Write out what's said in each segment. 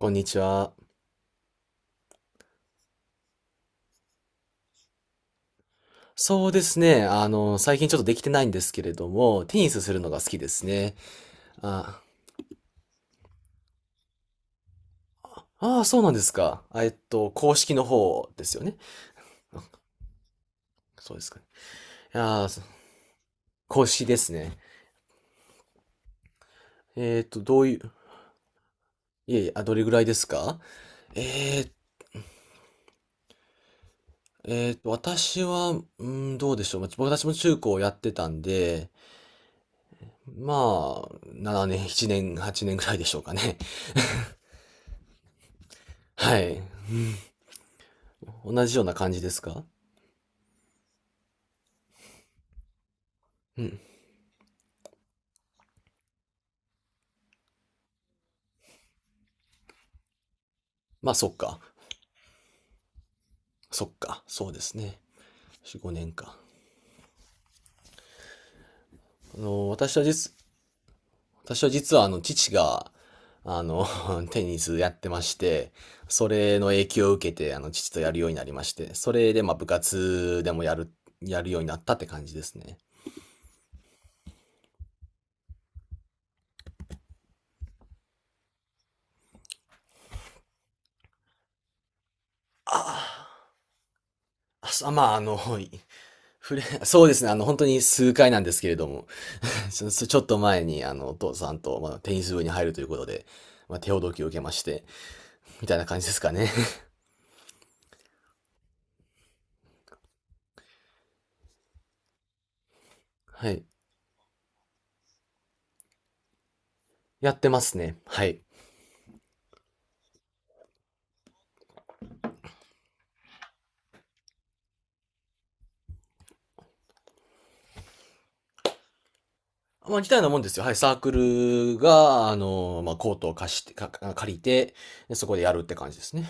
こんにちは。そうですね。最近ちょっとできてないんですけれども、テニスするのが好きですね。あ、ああ、そうなんですか。公式の方ですよね。そうですかね。いやー、そ公式ですね。えーっと、どういう、いえいえ、あ、どれぐらいですか？えー、私は、どうでしょう。まあ僕たちも中高をやってたんで、まあ、7年、7年、8年ぐらいでしょうかね。はい。同じような感じですか？うん。まあ、そっか。そっか、そうですね。4、5年か。あの、私は実、私は実は父が、あの、テニスやってまして、それの影響を受けて、あの、父とやるようになりまして、それで、まあ、部活でもやる、やるようになったって感じですね。あーあ、あそまあ、あの、い触れ、そうですね、あの、本当に数回なんですけれども、ちょっと前に、あの、お父さんと、まあ、テニス部に入るということで、まあ、手ほどきを受けまして、みたいな感じですかね。はい。やってますね。はい。まあ、似たようなもんですよ。はい、サークルが、あの、まあ、コートを貸して、か借りて、でそこでやるって感じですね。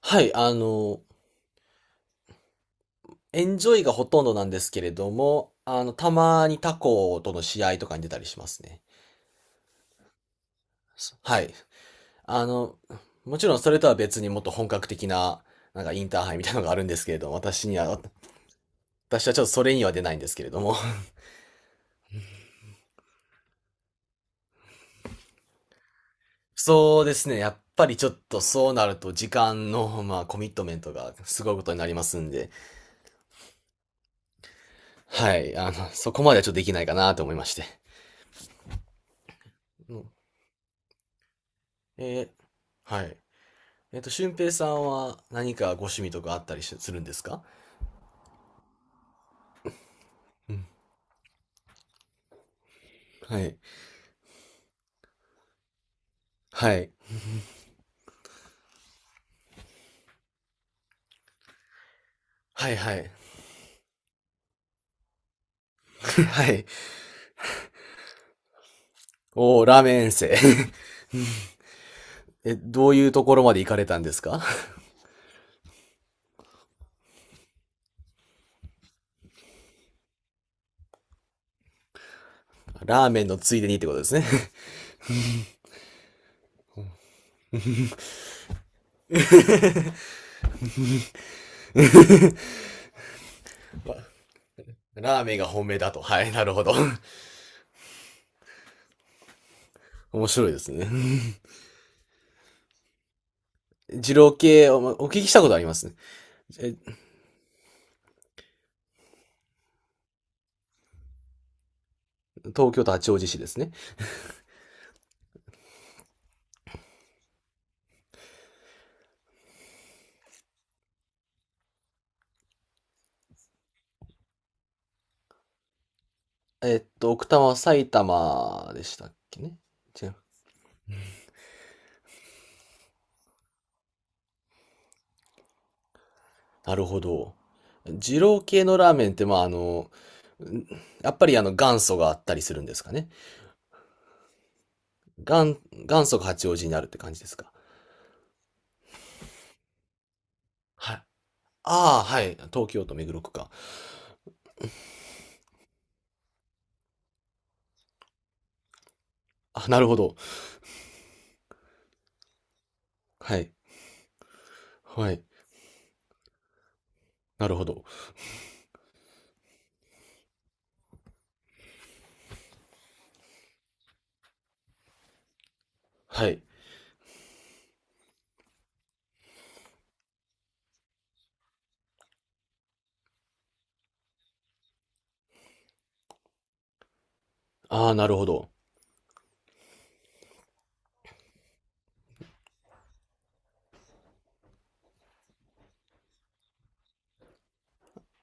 はい、あの、エンジョイがほとんどなんですけれども、あの、たまに他校との試合とかに出たりしますね。はい。あの、もちろんそれとは別にもっと本格的な、なんかインターハイみたいなのがあるんですけれども、私はちょっとそれには出ないんですけれども。そうですね。やっぱりちょっとそうなると時間の、まあ、コミットメントがすごいことになりますんで。はい、あの、そこまではちょっとできないかなと思いまして。うん。えー、はい。えっと、俊平さんは何かご趣味とかあったりしするんですか？うん。はい。はい。はいはい。はい。おー、ラーメン遠征。え、どういうところまで行かれたんですか？ ラーメンのついでにってことですね。わラーメンが本命だと。はい、なるほど。面白いですね。二郎系お、お聞きしたことありますね。え東京都八王子市ですね。えっと、奥多摩、埼玉でしたっけね。違う。なるほど。二郎系のラーメンって、まあ、あの、んやっぱりあの元祖があったりするんですかね。元祖が八王子になるって感じですか。はい。ああ、はい。東京都目黒区か。あ、なるほど。はい。はい。なるほど。はい。ああ、なるほど。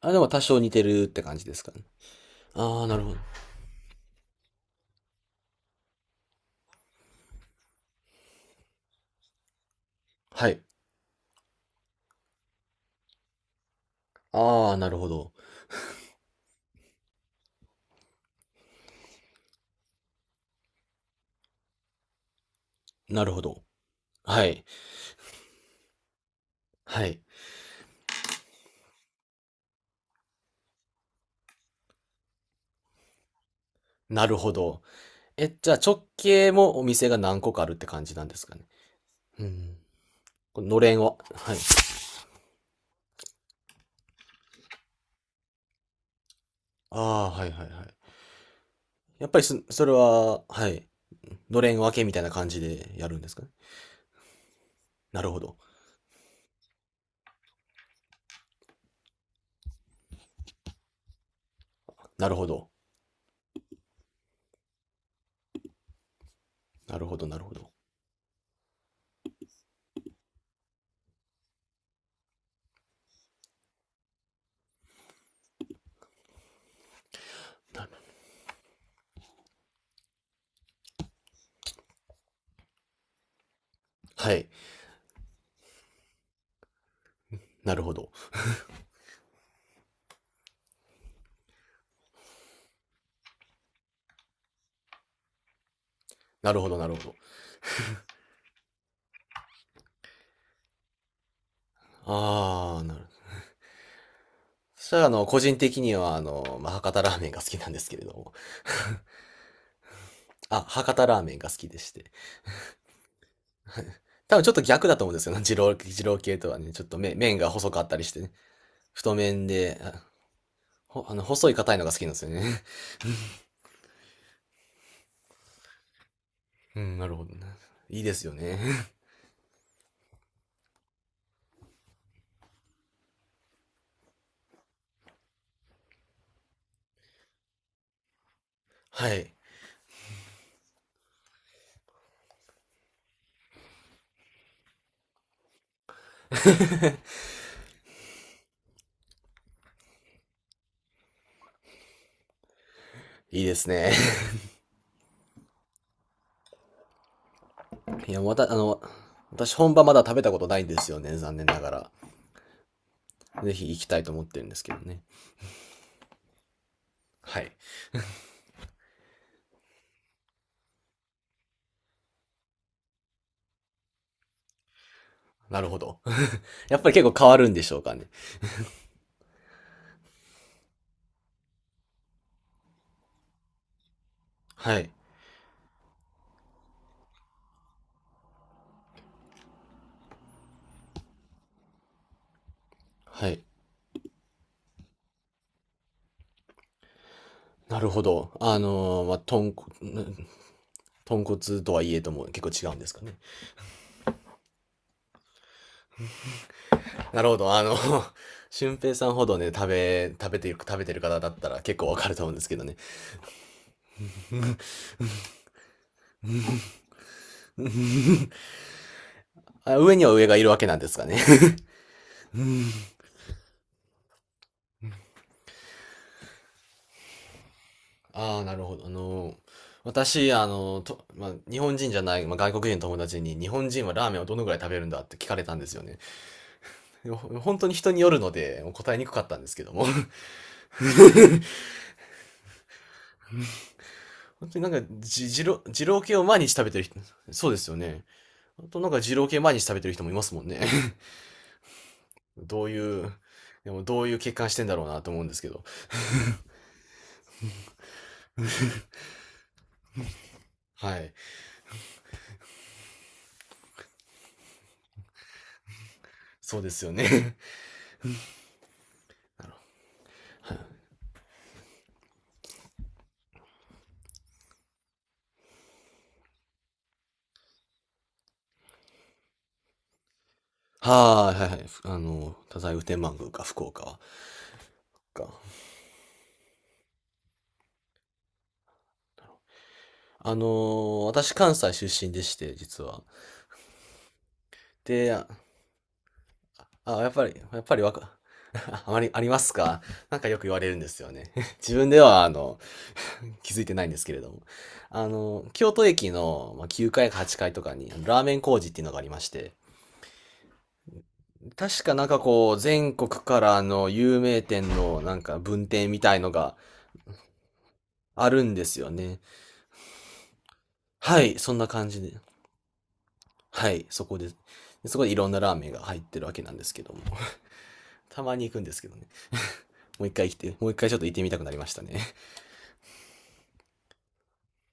あ、でも多少似てるって感じですかね。ああ、なるほど。はい。ああ、なるほど。なるほど。はい。はい。なるほど。え、じゃあ直系もお店が何個かあるって感じなんですかね。うん。こののれんを。はい。ああ、はいはいはい。やっぱりすそれは、はい。のれん分けみたいな感じでやるんですかね。なるほど。なるほど。なるほど、なるほど。なはい。なるほど。なるほど、なるほど。ああ、なるほど。そしたら、あの、個人的には、あの、まあ、博多ラーメンが好きなんですけれども。あ、博多ラーメンが好きでして。多分ちょっと逆だと思うんですよね。二郎系とはね、ちょっと麺が細かったりしてね。太麺で、あ、ほあの、細い硬いのが好きなんですよね。うん、なるほどね。いいですよね。はい。いいですね。いや、また、あの、私本場まだ食べたことないんですよね、残念ながら。ぜひ行きたいと思ってるんですけどね。はい。なるほど。やっぱり結構変わるんでしょうかね。はい。はい。なるほど。まあ、豚骨とはいえとも結構違うんですかね。なるほど。あの、俊平さんほどね、食べてる方だったら結構わかると思うんですけどね。あ、上には上がいるわけなんですかね。ああ、なるほど。あのー、私、あのー、と、まあ、日本人じゃない、まあ、外国人の友達に、日本人はラーメンをどのぐらい食べるんだって聞かれたんですよね。本当に人によるので、答えにくかったんですけども。本当になんか、じ、二郎、二郎系を毎日食べてる人、そうですよね。あとなんか二郎系毎日食べてる人もいますもんね。どういう、でもどういう欠陥してんだろうなと思うんですけど。はい。そうですよね。なるほど。はい、はいはいはい。あの、太宰府天満宮か、福岡は。かあのー私関西出身でして、実は。で、あ、あやっぱり、やっぱりわか、あまりありますか？なんかよく言われるんですよね。自分では、あの、気づいてないんですけれども。あの、京都駅のまあ9階か8階とかに、あのラーメン工事っていうのがありまして、確かなんかこう、全国からの有名店のなんか分店みたいのがあるんですよね。はい、そんな感じで。はい、そこで。でそこでいろんなラーメンが入ってるわけなんですけども。たまに行くんですけどね。もう一回来て、もう一回ちょっと行ってみたくなりましたね。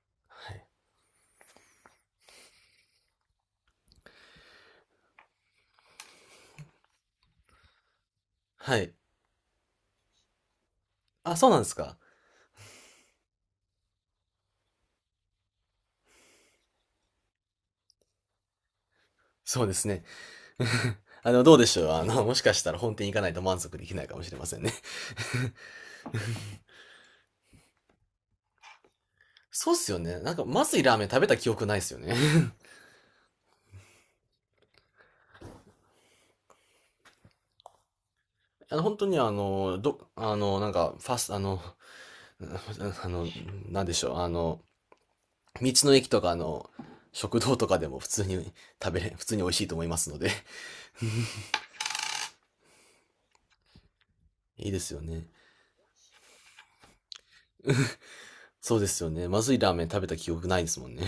はい。はい。あ、そうなんですか。そうですね。あの、どうでしょう、あの、もしかしたら本店行かないと満足できないかもしれませんね。そうっすよね。なんか、まずいラーメン食べた記憶ないっすよね。あの、本当にあの、ど、あの、なんか、ファス、あの、あの、なんでしょう。あの、道の駅とかの食堂とかでも普通に美味しいと思いますので。いいですよね。そうですよね。まずいラーメン食べた記憶ないですもんね。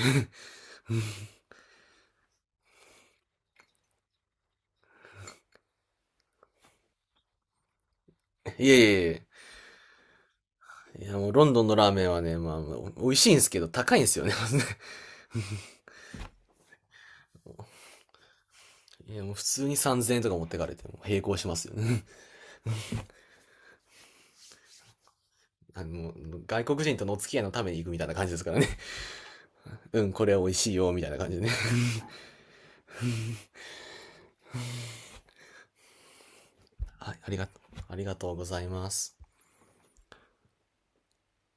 いえいえいえ。いや、もうロンドンのラーメンはね、まあ、美味しいんですけど、高いんですよね。いや、もう普通に3000円とか持ってかれて、もう並行しますよね。あの、外国人とのお付き合いのために行くみたいな感じですからね。うん、これは美味しいよ、みたいな感じでね。はい、ありがとう、ありがとうございます。